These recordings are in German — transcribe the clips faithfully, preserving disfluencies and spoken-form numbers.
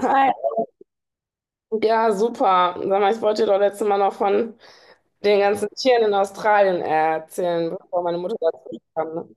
Hi. Ja, super. Sag mal, ich wollte dir doch letztes Mal noch von den ganzen Tieren in Australien erzählen, bevor meine Mutter dazu kam, ne?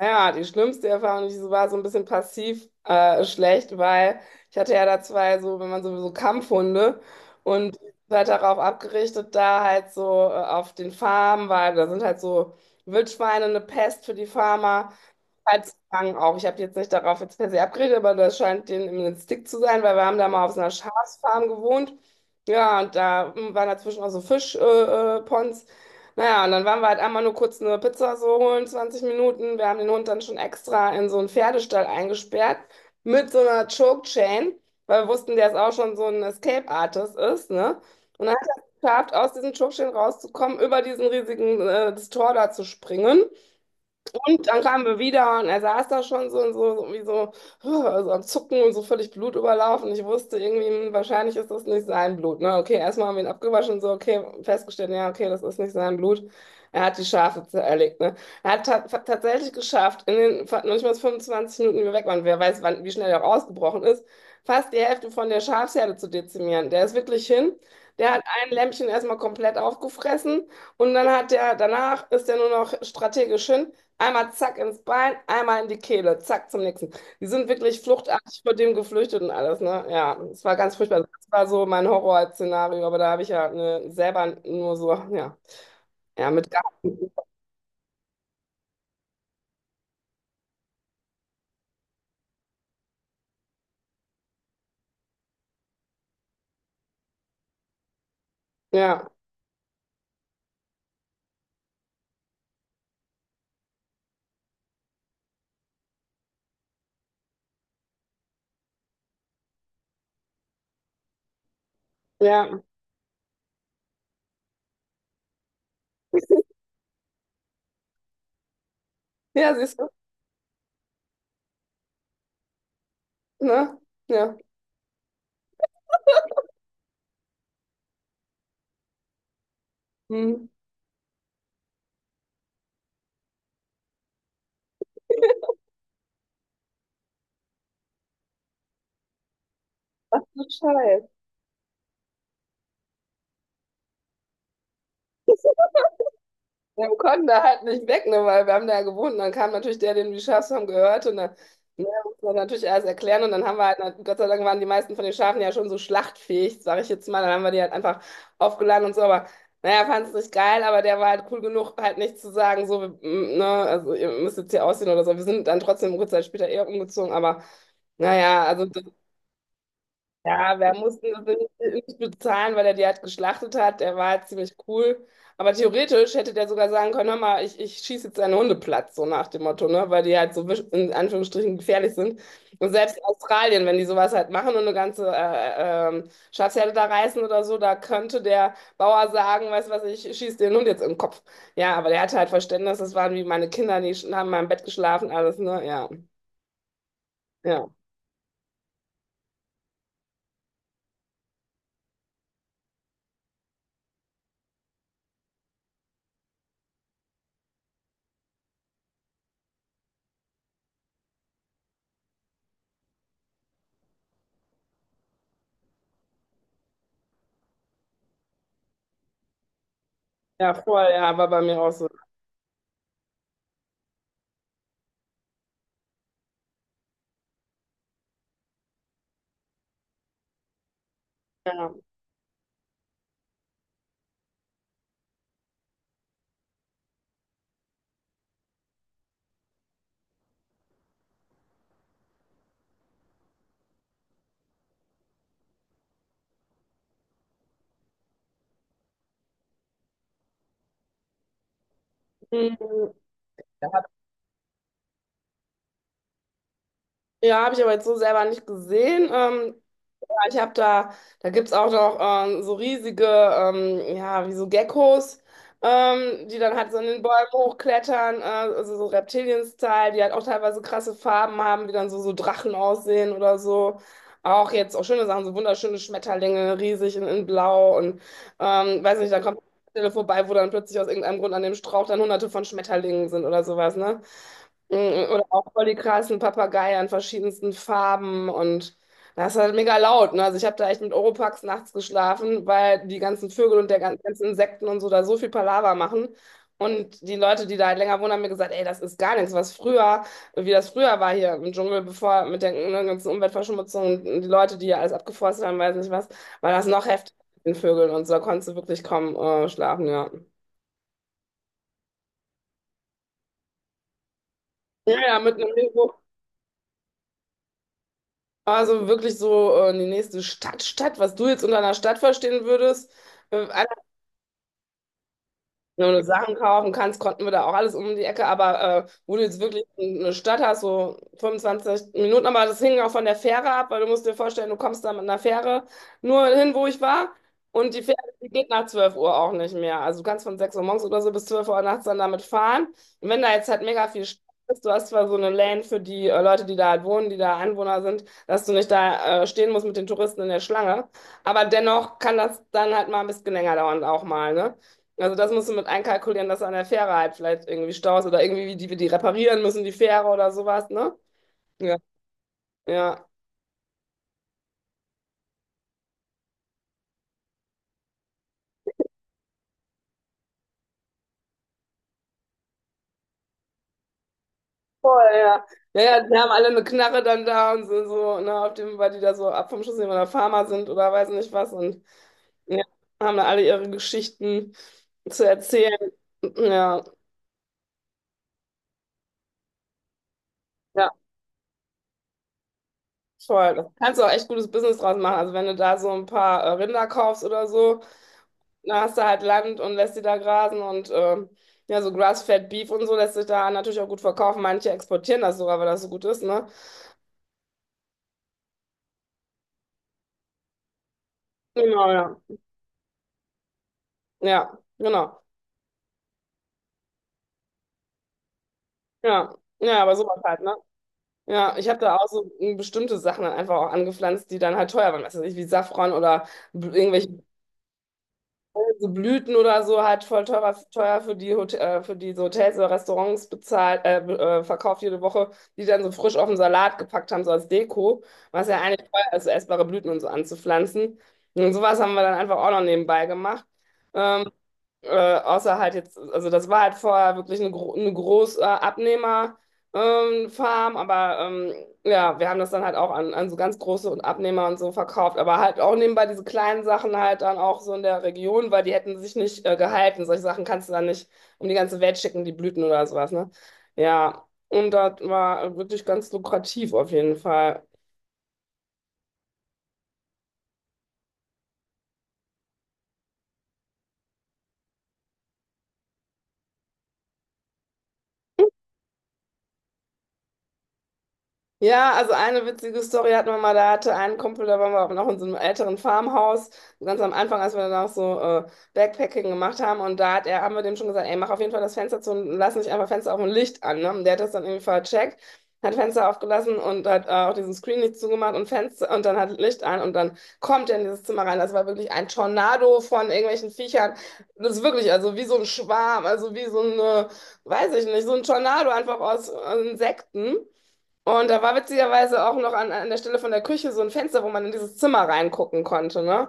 Ja, die schlimmste Erfahrung, die so war so ein bisschen passiv äh, schlecht, weil ich hatte ja da zwei so, wenn man sowieso Kampfhunde und die sind halt darauf abgerichtet, da halt so äh, auf den Farmen, weil da sind halt so Wildschweine eine Pest für die Farmer. Salzstangen auch. Ich habe jetzt nicht darauf jetzt per se abgeredet, aber das scheint denen im Stick zu sein, weil wir haben da mal auf so einer Schafsfarm gewohnt. Ja, und da hm, waren dazwischen auch so Fischpons. Äh, äh, Ponds. Naja, und dann waren wir halt einmal nur kurz eine Pizza so holen, zwanzig Minuten. Wir haben den Hund dann schon extra in so einen Pferdestall eingesperrt mit so einer Choke Chain, weil wir wussten, der ist auch schon so ein Escape Artist ist, ne? Und dann hat er es geschafft, aus diesem Choke Chain rauszukommen, über diesen riesigen äh, das Tor da zu springen. Und dann kamen wir wieder und er saß da schon so und so, so irgendwie so, huh, also am Zucken und so völlig blutüberlaufen. Ich wusste irgendwie, hm, wahrscheinlich ist das nicht sein Blut. Ne? Okay, erstmal haben wir ihn abgewaschen und so, okay, festgestellt, ja, okay, das ist nicht sein Blut. Er hat die Schafe zerlegt. Ne? Er hat ta tatsächlich geschafft, in den fa- noch nicht mal fünfundzwanzig Minuten, die wir weg waren, wer weiß, wann, wie schnell er auch ausgebrochen ist, fast die Hälfte von der Schafsherde zu dezimieren. Der ist wirklich hin. Der hat ein Lämpchen erstmal komplett aufgefressen. Und dann hat der, danach ist er nur noch strategisch hin. Einmal zack ins Bein, einmal in die Kehle, zack zum nächsten. Die sind wirklich fluchtartig vor dem geflüchtet und alles, ne? Ja, es war ganz furchtbar. Das war so mein Horrorszenario, aber da habe ich ja, ne, selber nur so, ja, ja, mit, Garten- ja, ja, ja, siehst du, ne? Ja. Hm. Scheiße. Ja, wir konnten da halt nicht weg, ne, weil wir haben da ja gewohnt. Und dann kam natürlich der, den wir Schafe haben, gehört. Und dann, ne, musste man natürlich alles erklären. Und dann haben wir halt, na- Gott sei Dank waren die meisten von den Schafen ja schon so schlachtfähig, sage ich jetzt mal. Dann haben wir die halt einfach aufgeladen und so. Aber naja, fand es nicht geil, aber der war halt cool genug, halt nicht zu sagen, so, wir, mm, ne, also ihr müsst jetzt hier ausziehen oder so. Wir sind dann trotzdem kurze Zeit später eher umgezogen, aber. Naja, also ja, wir mussten nicht bezahlen, weil er die halt geschlachtet hat. Der war halt ziemlich cool. Aber theoretisch hätte der sogar sagen können, hör mal, ich, ich schieße jetzt einen Hundeplatz so nach dem Motto, ne? Weil die halt so wisch- in Anführungsstrichen gefährlich sind. Und selbst in Australien, wenn die sowas halt machen und eine ganze äh, äh, ähm, Schafsherde da reißen oder so, da könnte der Bauer sagen, weißt du was, ich schieße den Hund jetzt im Kopf. Ja, aber der hatte halt Verständnis, das waren wie meine Kinder, die sch- haben in meinem Bett geschlafen, alles, ne? Ja, ja. Ja, voll, ja, war bei mir auch so. Ja. Mhm. Ja, habe ich aber jetzt so selber nicht gesehen. Ähm, ja, ich habe da, da gibt's auch noch ähm, so riesige, ähm, ja, wie so Geckos, ähm, die dann halt so in den Bäumen hochklettern, äh, also so Reptilien-Style, die halt auch teilweise krasse Farben haben, die dann so, so Drachen aussehen oder so. Auch jetzt auch schöne Sachen, so wunderschöne Schmetterlinge, riesig in, in Blau und ähm, weiß nicht, da kommt eine Stelle vorbei, wo dann plötzlich aus irgendeinem Grund an dem Strauch dann hunderte von Schmetterlingen sind oder sowas, ne? Mm, oder auch voll die krassen Papageien an verschiedensten Farben und das ist halt mega laut. Ne? Also ich habe da echt mit Oropax nachts geschlafen, weil die ganzen Vögel und der gan- ganzen Insekten und so da so viel Palaver machen. Und die Leute, die da halt länger wohnen, haben mir gesagt, ey, das ist gar nichts, was früher, wie das früher war hier im Dschungel, bevor mit der, ne, ganzen Umweltverschmutzung und die Leute, die hier alles abgeforstet haben, weiß nicht was, war das noch heftiger mit den Vögeln und so, da konntest du wirklich kaum äh, schlafen, ja. Ja, ja, mit einem. Also wirklich so äh, die nächste Stadt, Stadt, was du jetzt unter einer Stadt verstehen würdest. Äh, wenn du Sachen kaufen kannst, konnten wir da auch alles um die Ecke. Aber äh, wo du jetzt wirklich eine Stadt hast, so fünfundzwanzig Minuten, aber das hing auch von der Fähre ab, weil du musst dir vorstellen, du kommst da mit einer Fähre nur hin, wo ich war. Und die Fähre, die geht nach zwölf Uhr auch nicht mehr. Also du kannst von sechs Uhr morgens oder so bis zwölf Uhr nachts dann damit fahren. Und wenn da jetzt halt mega viel Stadt ist, du hast zwar so eine Lane für die äh, Leute, die da halt wohnen, die da Anwohner sind, dass du nicht da äh, stehen musst mit den Touristen in der Schlange. Aber dennoch kann das dann halt mal ein bisschen länger dauern auch mal, ne? Also das musst du mit einkalkulieren, dass an der Fähre halt vielleicht irgendwie Staus oder irgendwie wie die wir die reparieren müssen, die Fähre oder sowas, ne? Ja, ja. Voll, ja. Ja, ja, die haben alle eine Knarre dann da und sind so, ne, auf dem, weil die da so ab vom Schuss nehmen oder Farmer sind oder weiß nicht was und ja, haben da alle ihre Geschichten zu erzählen. Ja, ja, voll. Da kannst du auch echt gutes Business draus machen. Also wenn du da so ein paar äh, Rinder kaufst oder so, da hast du halt Land und lässt sie da grasen und ähm, ja, so Grass-Fed Beef und so lässt sich da natürlich auch gut verkaufen. Manche exportieren das sogar, weil das so gut ist, ne? Genau, ja. Ja, genau. Ja, ja, aber sowas halt, ne? Ja, ich habe da auch so hm, bestimmte Sachen dann einfach auch angepflanzt, die dann halt teuer waren. Was weiß ich, wie Safran oder b- irgendwelche so Blüten oder so halt voll teurer, teuer für die, Hot äh, für diese Hotels oder Restaurants bezahlt, äh, be- äh, verkauft jede Woche, die dann so frisch auf den Salat gepackt haben, so als Deko, was ja eigentlich teuer ist, so essbare Blüten und so anzupflanzen. Und sowas haben wir dann einfach auch noch nebenbei gemacht. Ähm, äh, außer halt jetzt, also das war halt vorher wirklich eine, gro eine große Abnehmerfarm, ähm, Farm, aber ähm, ja, wir haben das dann halt auch an, an so ganz große und Abnehmer und so verkauft, aber halt auch nebenbei diese kleinen Sachen halt dann auch so in der Region, weil die hätten sich nicht äh, gehalten. Solche Sachen kannst du dann nicht um die ganze Welt schicken, die Blüten oder sowas, ne? Ja, und das war wirklich ganz lukrativ auf jeden Fall. Ja, also eine witzige Story hatten wir mal, da hatte ein Kumpel, da waren wir aber noch in so einem älteren Farmhaus, so ganz am Anfang, als wir dann auch so äh, Backpacking gemacht haben und da hat er, haben wir dem schon gesagt, ey, mach auf jeden Fall das Fenster zu und lass nicht einfach Fenster auf und Licht an, ne? Und der hat das dann irgendwie vercheckt, hat Fenster aufgelassen und hat äh, auch diesen Screen nicht zugemacht und Fenster und dann hat Licht an und dann kommt er in dieses Zimmer rein. Das war wirklich ein Tornado von irgendwelchen Viechern. Das ist wirklich, also wie so ein Schwarm, also wie so eine, weiß ich nicht, so ein Tornado einfach aus äh, Insekten. Und da war witzigerweise auch noch an, an der Stelle von der Küche so ein Fenster, wo man in dieses Zimmer reingucken konnte, ne?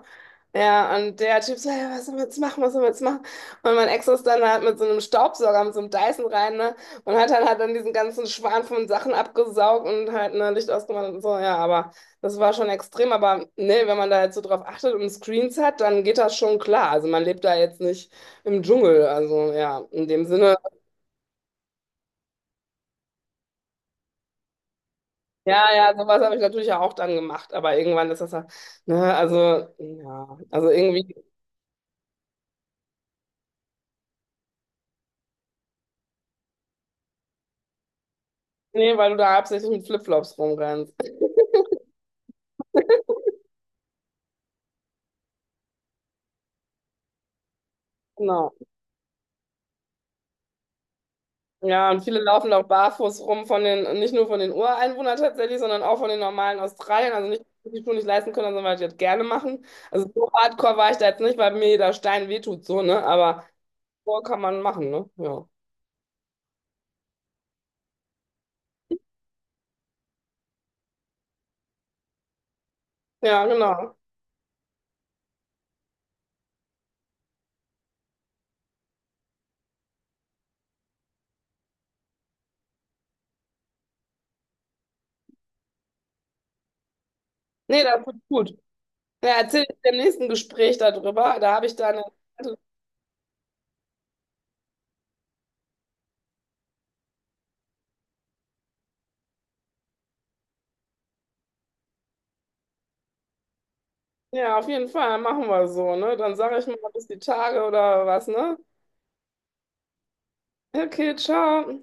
Ja, und der Typ so, ja, was sollen wir jetzt machen, was sollen wir jetzt machen? Und mein Ex ist dann halt mit so einem Staubsauger, mit so einem Dyson rein, ne? Und hat dann halt dann diesen ganzen Schwarm von Sachen abgesaugt und halt, ne, Licht ausgemacht und so, ja, aber das war schon extrem, aber ne, wenn man da jetzt so drauf achtet und Screens hat, dann geht das schon klar. Also man lebt da jetzt nicht im Dschungel, also ja, in dem Sinne. Ja, ja, sowas habe ich natürlich ja auch dann gemacht, aber irgendwann ist das ja, ne, also, ja, also irgendwie, nee, weil du da hauptsächlich mit Flipflops rumrennst. Genau. Ja, und viele laufen auch barfuß rum von den, nicht nur von den Ureinwohnern tatsächlich, sondern auch von den normalen Australiern, also nicht, die die Schuhe nicht leisten können, sondern weil die das gerne machen. Also so hardcore war ich da jetzt nicht, weil mir jeder Stein wehtut, so, ne, aber so kann man machen, ne, ja. Ja, genau. Nee, das tut gut. Ja, erzähl ich dir im nächsten Gespräch darüber, da habe ich da eine. Ja, auf jeden Fall, machen wir so, ne? Dann sage ich mal bis die Tage oder was, ne? Okay, ciao.